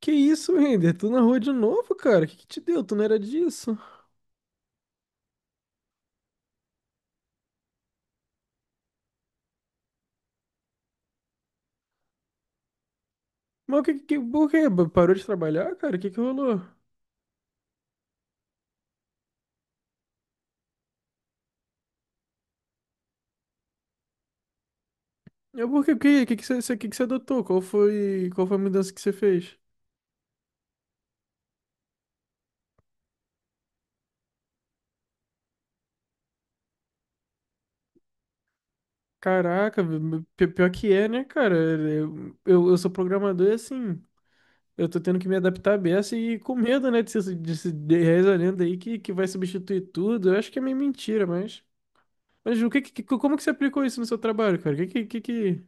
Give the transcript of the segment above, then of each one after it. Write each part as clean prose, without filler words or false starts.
Que isso, Render? Tu na rua de novo, cara? O que que te deu? Tu não era disso? Mas o que que... Por quê? Parou de trabalhar, cara? O que que rolou? Eu, por quê? O que que você adotou? Qual foi a mudança que você fez? Caraca, pior que é, né, cara? Eu sou programador e assim... Eu tô tendo que me adaptar à beça e com medo, né, de ser de, se- de essa lenda aí que vai substituir tudo. Eu acho que é meio mentira, mas... Mas o que, que- como que você aplicou isso no seu trabalho, cara? O que que...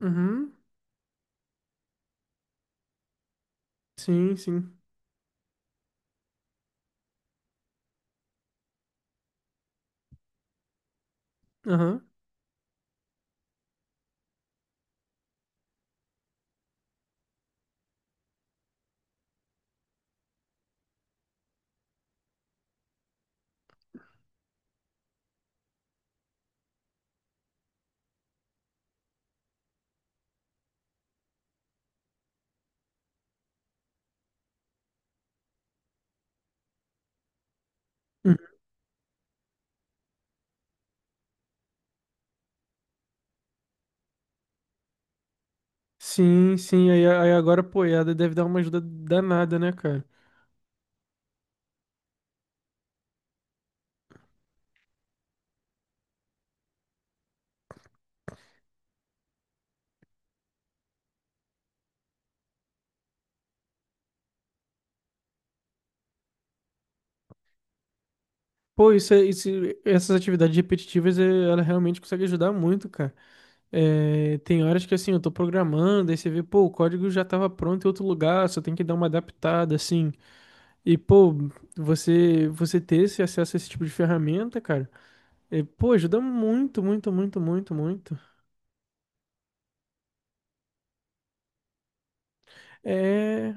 Uhum, sim, sim. Aham. Sim, sim, aí, aí agora, pô, EAD deve dar uma ajuda danada, né, cara? Pô, isso, essas atividades repetitivas, ela realmente consegue ajudar muito, cara. É, tem horas que, assim, eu tô programando, aí você vê, pô, o código já tava pronto em outro lugar, só tem que dar uma adaptada, assim. E, pô, você ter esse acesso a esse tipo de ferramenta, cara, pô, ajuda muito, muito, muito, muito, muito. É.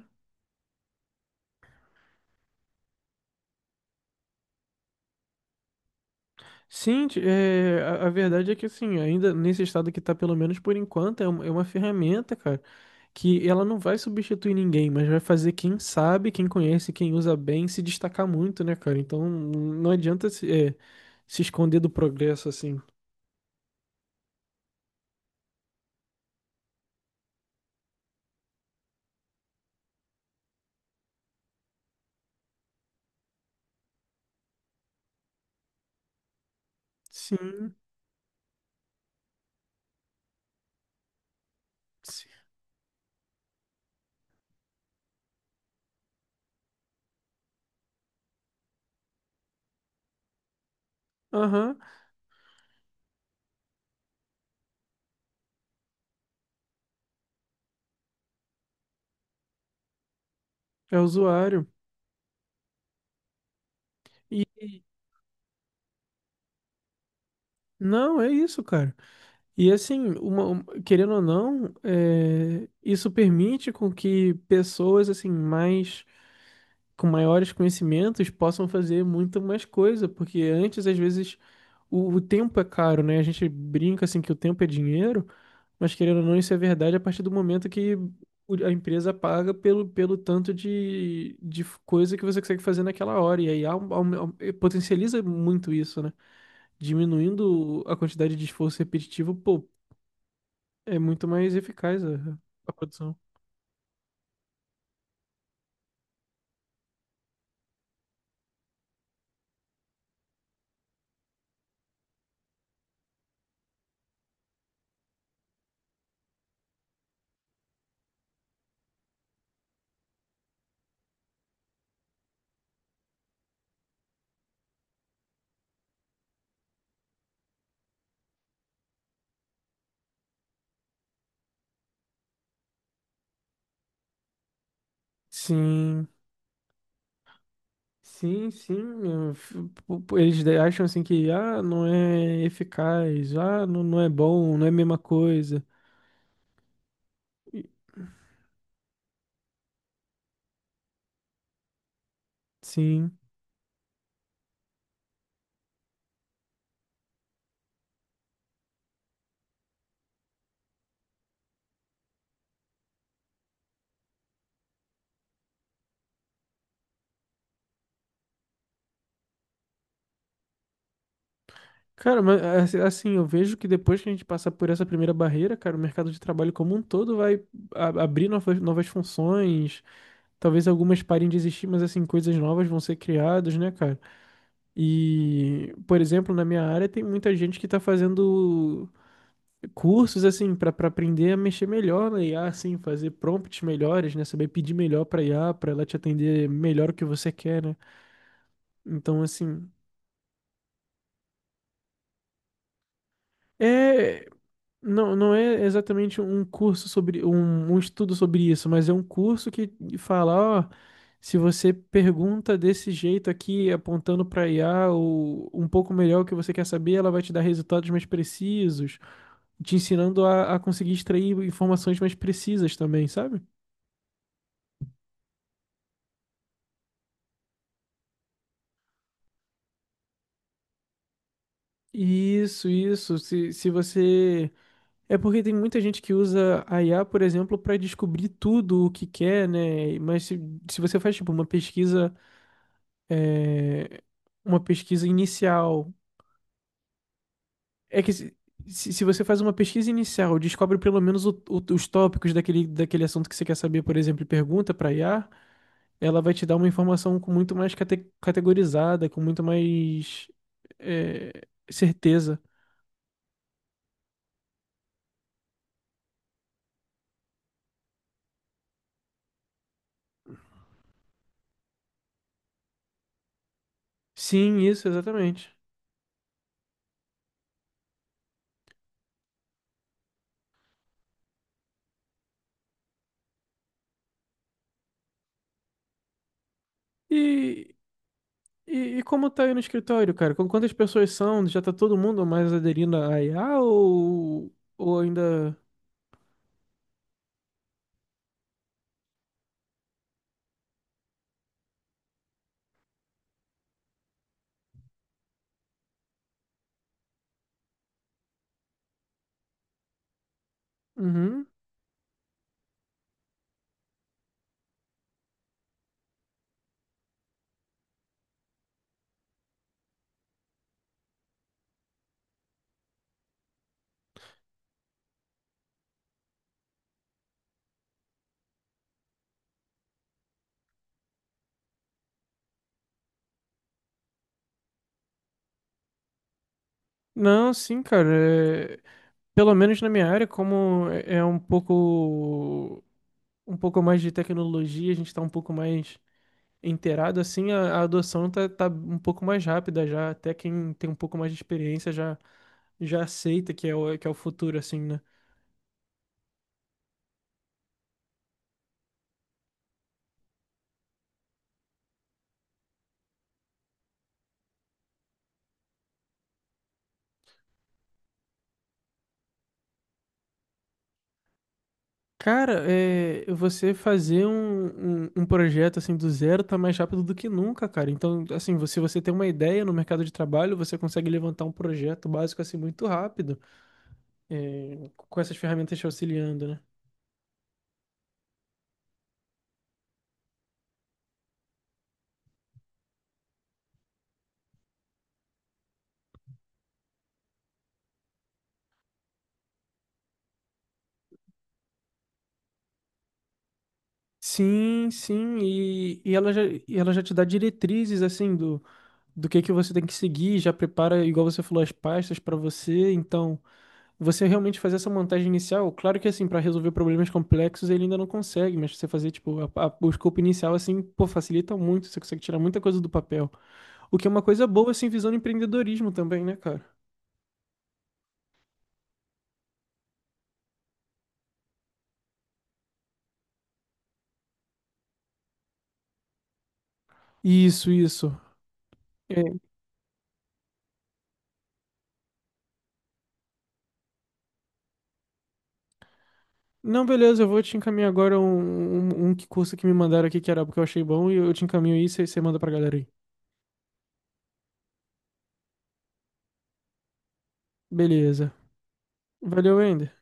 Sim, é, a verdade é que assim, ainda nesse estado que tá, pelo menos por enquanto, é uma ferramenta, cara, que ela não vai substituir ninguém, mas vai fazer quem sabe, quem conhece, quem usa bem se destacar muito, né, cara? Então não adianta se esconder do progresso assim. Sim, sim. Aham, é usuário. E e- não, é isso, cara. E assim, querendo ou não, é, isso permite com que pessoas assim mais com maiores conhecimentos possam fazer muito mais coisa, porque antes, às vezes, o tempo é caro, né? A gente brinca assim que o tempo é dinheiro, mas querendo ou não, isso é verdade a partir do momento que a empresa paga pelo tanto de coisa que você consegue fazer naquela hora. E aí potencializa muito isso, né? Diminuindo a quantidade de esforço repetitivo, pô, é muito mais eficaz a produção. Sim. Sim, sim, eu f- po- po- eles acham assim que ah, não é eficaz, ah, não, não é bom, não é a mesma coisa. E- Sim. Cara, mas assim, assim, eu vejo que depois que a gente passar por essa primeira barreira, cara, o mercado de trabalho como um todo vai abrir novas, novas funções, talvez algumas parem de existir, mas assim, coisas novas vão ser criadas, né, cara? E, por exemplo, na minha área tem muita gente que tá fazendo cursos assim para aprender a mexer melhor na IA, assim, fazer prompts melhores, né? Saber pedir melhor para IA, para ela te atender melhor o que você quer, né? Então, assim, é não, não é exatamente um curso sobre um estudo sobre isso, mas é um curso que fala, ó, se você pergunta desse jeito aqui, apontando para IA ou um pouco melhor o que você quer saber, ela vai te dar resultados mais precisos, te ensinando a conseguir extrair informações mais precisas também, sabe? Isso, isso. Se você. É porque tem muita gente que usa a IA, por exemplo, para descobrir tudo o que quer, né? Mas se você faz, tipo, uma pesquisa. É, uma pesquisa inicial. É que se se você faz uma pesquisa inicial, descobre pelo menos os tópicos daquele assunto que você quer saber, por exemplo, e pergunta para IA, ela vai te dar uma informação com muito mais categorizada, com muito mais. É, certeza. Sim, isso, exatamente. E, E e como tá aí no escritório, cara? Com quantas pessoas são? Já tá todo mundo mais aderindo à IA ou ainda. Uhum. Não, sim, cara. é- Pelo menos na minha área, como é um pouco, um pouco mais de tecnologia, a gente tá um pouco mais inteirado, assim, a adoção tá um pouco mais rápida já. Até quem tem um pouco mais de experiência já, já aceita que é que é o futuro, assim, né? Cara, é, você fazer um projeto assim do zero tá mais rápido do que nunca, cara. Então, assim, se você tem uma ideia no mercado de trabalho, você consegue levantar um projeto básico assim muito rápido, é, com essas ferramentas te auxiliando, né? Sim, sim, e ela já te dá diretrizes assim do, do que você tem que seguir, já prepara, igual você falou, as pastas para você, então, você realmente fazer essa montagem inicial, claro que assim, para resolver problemas complexos ele ainda não consegue, mas você fazer tipo o escopo inicial assim, pô, facilita muito, você consegue tirar muita coisa do papel. O que é uma coisa boa assim, visando empreendedorismo também, né, cara? Isso, isso. É, não, beleza, eu vou te encaminhar agora um que curso que me mandaram aqui que era porque eu achei bom e eu te encaminho isso e você manda pra galera aí. Beleza. Valeu, Ender.